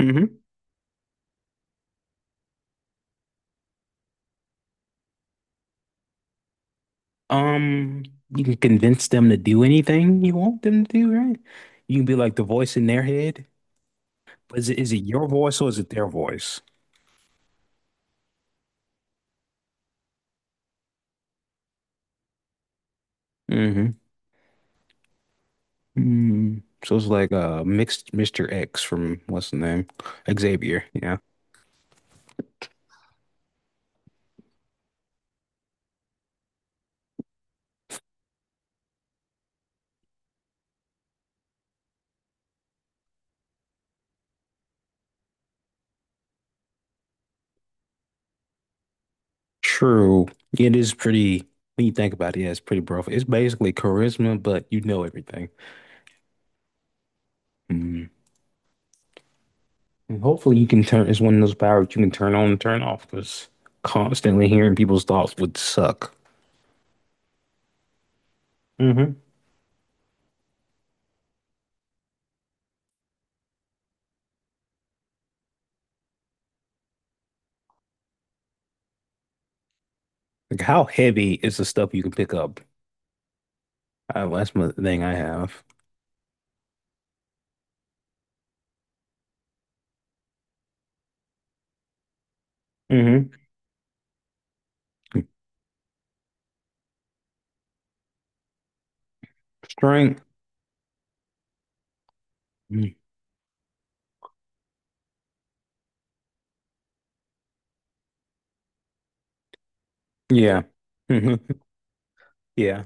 Hmm. Um, you can convince them to do anything you want them to do, right? You can be like the voice in their head. But is it your voice or is it their voice? Hmm. So it's like mixed Mr. X from what's the name? Xavier. Yeah. True. It is pretty when you think about it, yeah, it's pretty broad. It's basically charisma, but you know everything. Mm. And hopefully you can turn it's one of those powers you can turn on and turn off because constantly hearing people's thoughts would suck. Hmm. Like, how heavy is the stuff you can pick up? Well, that's my thing I have. Hmm. Strength. Mm. Yeah. Hmm. Yeah.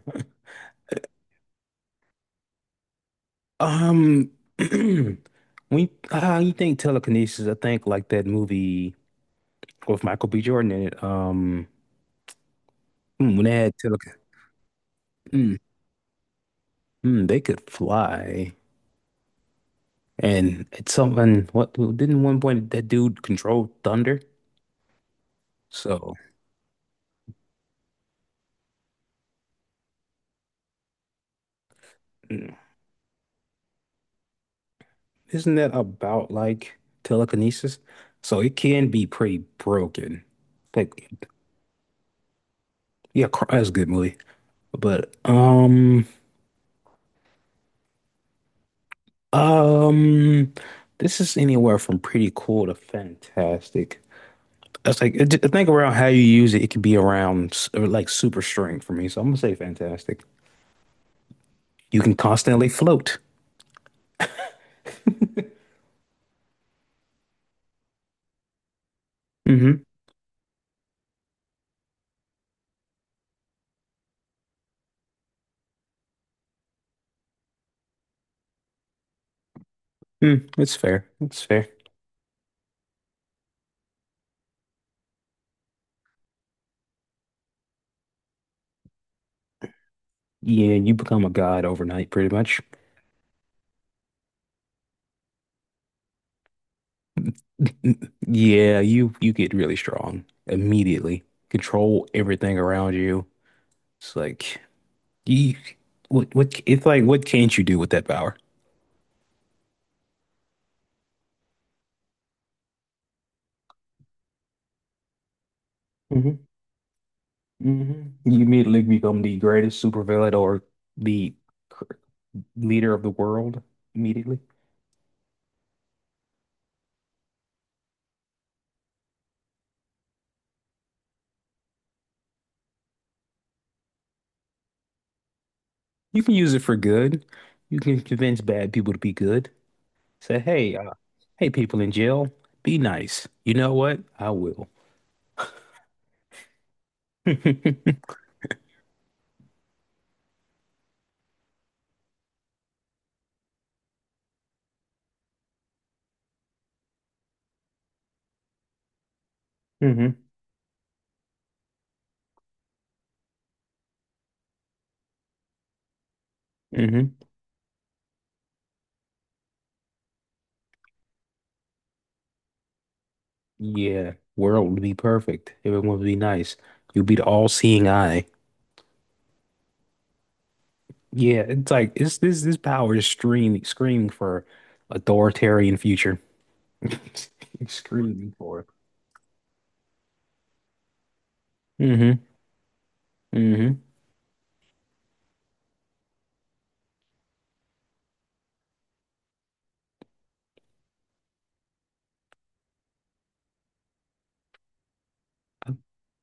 Um, we You think telekinesis? I think like that movie with Michael B. Jordan in it. Mm, when they had tele, mm, mm, They could fly, and it's something. What didn't one point that dude control thunder? So. mm. Isn't that about like telekinesis? So it can be pretty broken. Like, yeah, that's a good movie. But um, this is anywhere from pretty cool to fantastic. It's like I think around how you use it, it can be around or like super strength for me. So I'm gonna say fantastic. You can constantly float. Mm-hmm. It's fair. It's fair. Yeah, you become a god overnight, pretty much. Yeah, you get really strong immediately. Control everything around you. It's like you what can't you do with that power? hmm You immediately become the greatest supervillain or the cr- leader of the world immediately. You can use it for good. You can convince bad people to be good. Say, hey, people in jail, be nice. You know what? I will. Hmm. Hmm. Yeah, world would be perfect. Everyone would be nice. You'd be the all-seeing eye. Yeah, it's like it's this power is screaming screaming for authoritarian future. It's screaming for it. Mm-hmm. Mm-hmm.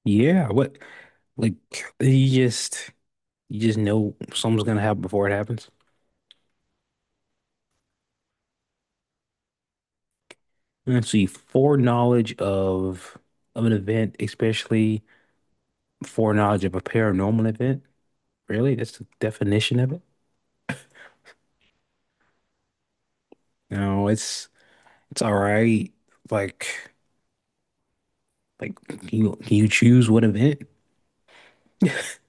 Yeah, what like you just you just know something's gonna happen before it happens. Let's see, foreknowledge of an event, especially foreknowledge of a paranormal event. Really? That's the definition of it? No, It's all right. Like, like, you choose what event?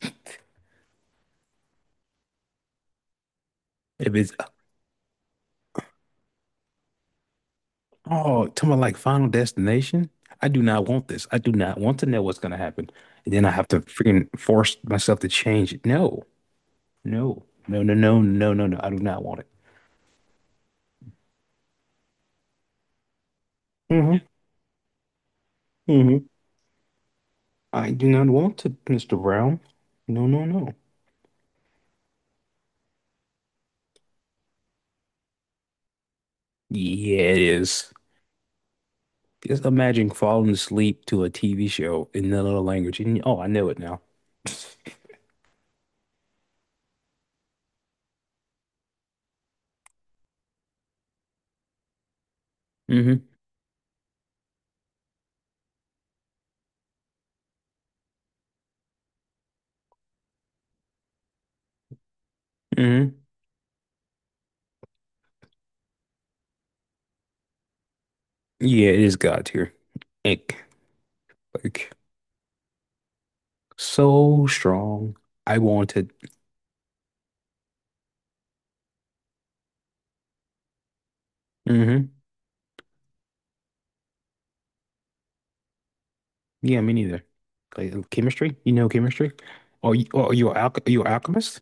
If it's Oh, talking about like Final Destination, I do not want this. I do not want to know what's gonna happen. And then I have to freaking force myself to change it. No, no, no, no, no, no, no, no. I do not want it. Hmm. Hmm. I do not want it, Mr. Brown. No, no, no. Yeah, it is. Just imagine falling asleep to a TV show in another language. And, oh, I know it now. Hmm. Hmm. Yeah, it is God tier. Ick. Like so strong. I wanted. Mm-hmm. Yeah, me neither. Like, oh, chemistry? You know chemistry? Are you are you a are you an alchemist?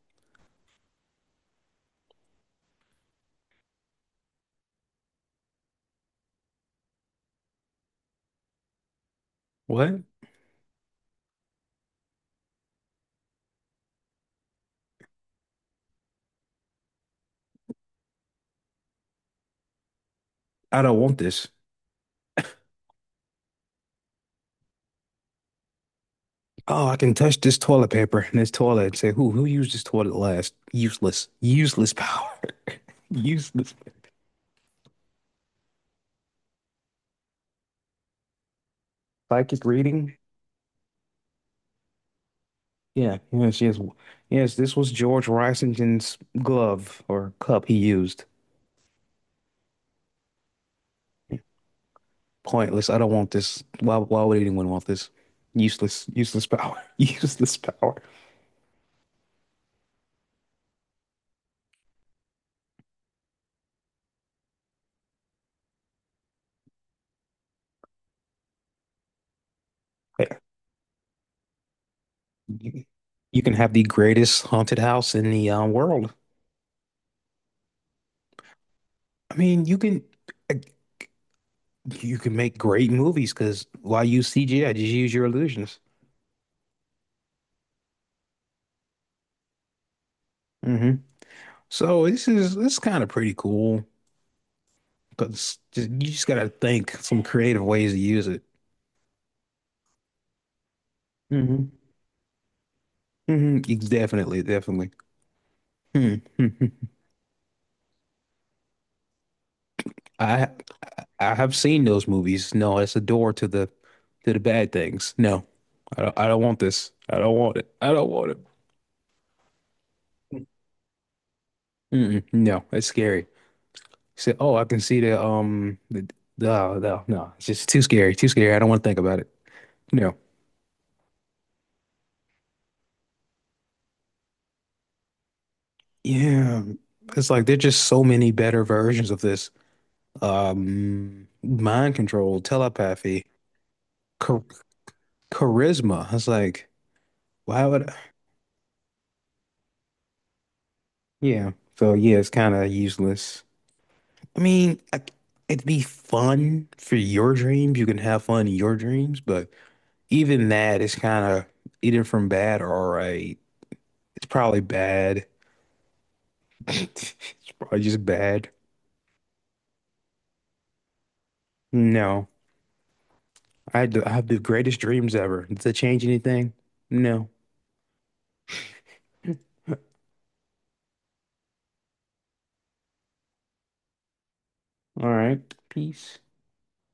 What? I don't want this. Oh, I can touch this toilet paper and this toilet and say, who used this toilet last? Useless. Useless power. Useless. Psychic reading? Yeah, yes, yes. Yes, this was George Washington's glove or cup he used. Pointless. I don't want this. Why would anyone want this? Useless, useless power. Useless power. Yeah, You you can have the greatest haunted house in the world. I mean, you can make great movies because why use CGI? Just use your illusions. hmm So this is kind of pretty cool because you just gotta think some creative ways to use it. hmm Definitely, definitely. Hmm. I I have seen those movies. No, it's a door to the bad things. No, I don't want this. I don't want it. I don't want it. Mm-mm, no, it's scary. Say, oh, I can see the no no, no. It's just too scary. Too scary. I don't want to think about it. No. Yeah, it's like there's just so many better versions of this. Mind control, telepathy, char charisma. It's like why would I? Yeah. So yeah, it's kind of useless. I mean, it'd be fun for your dreams. You can have fun in your dreams, but even that is kind of either from bad or all right. It's probably bad. It's probably just bad. No, I have the greatest dreams ever. Does that change anything? No. All right. Peace.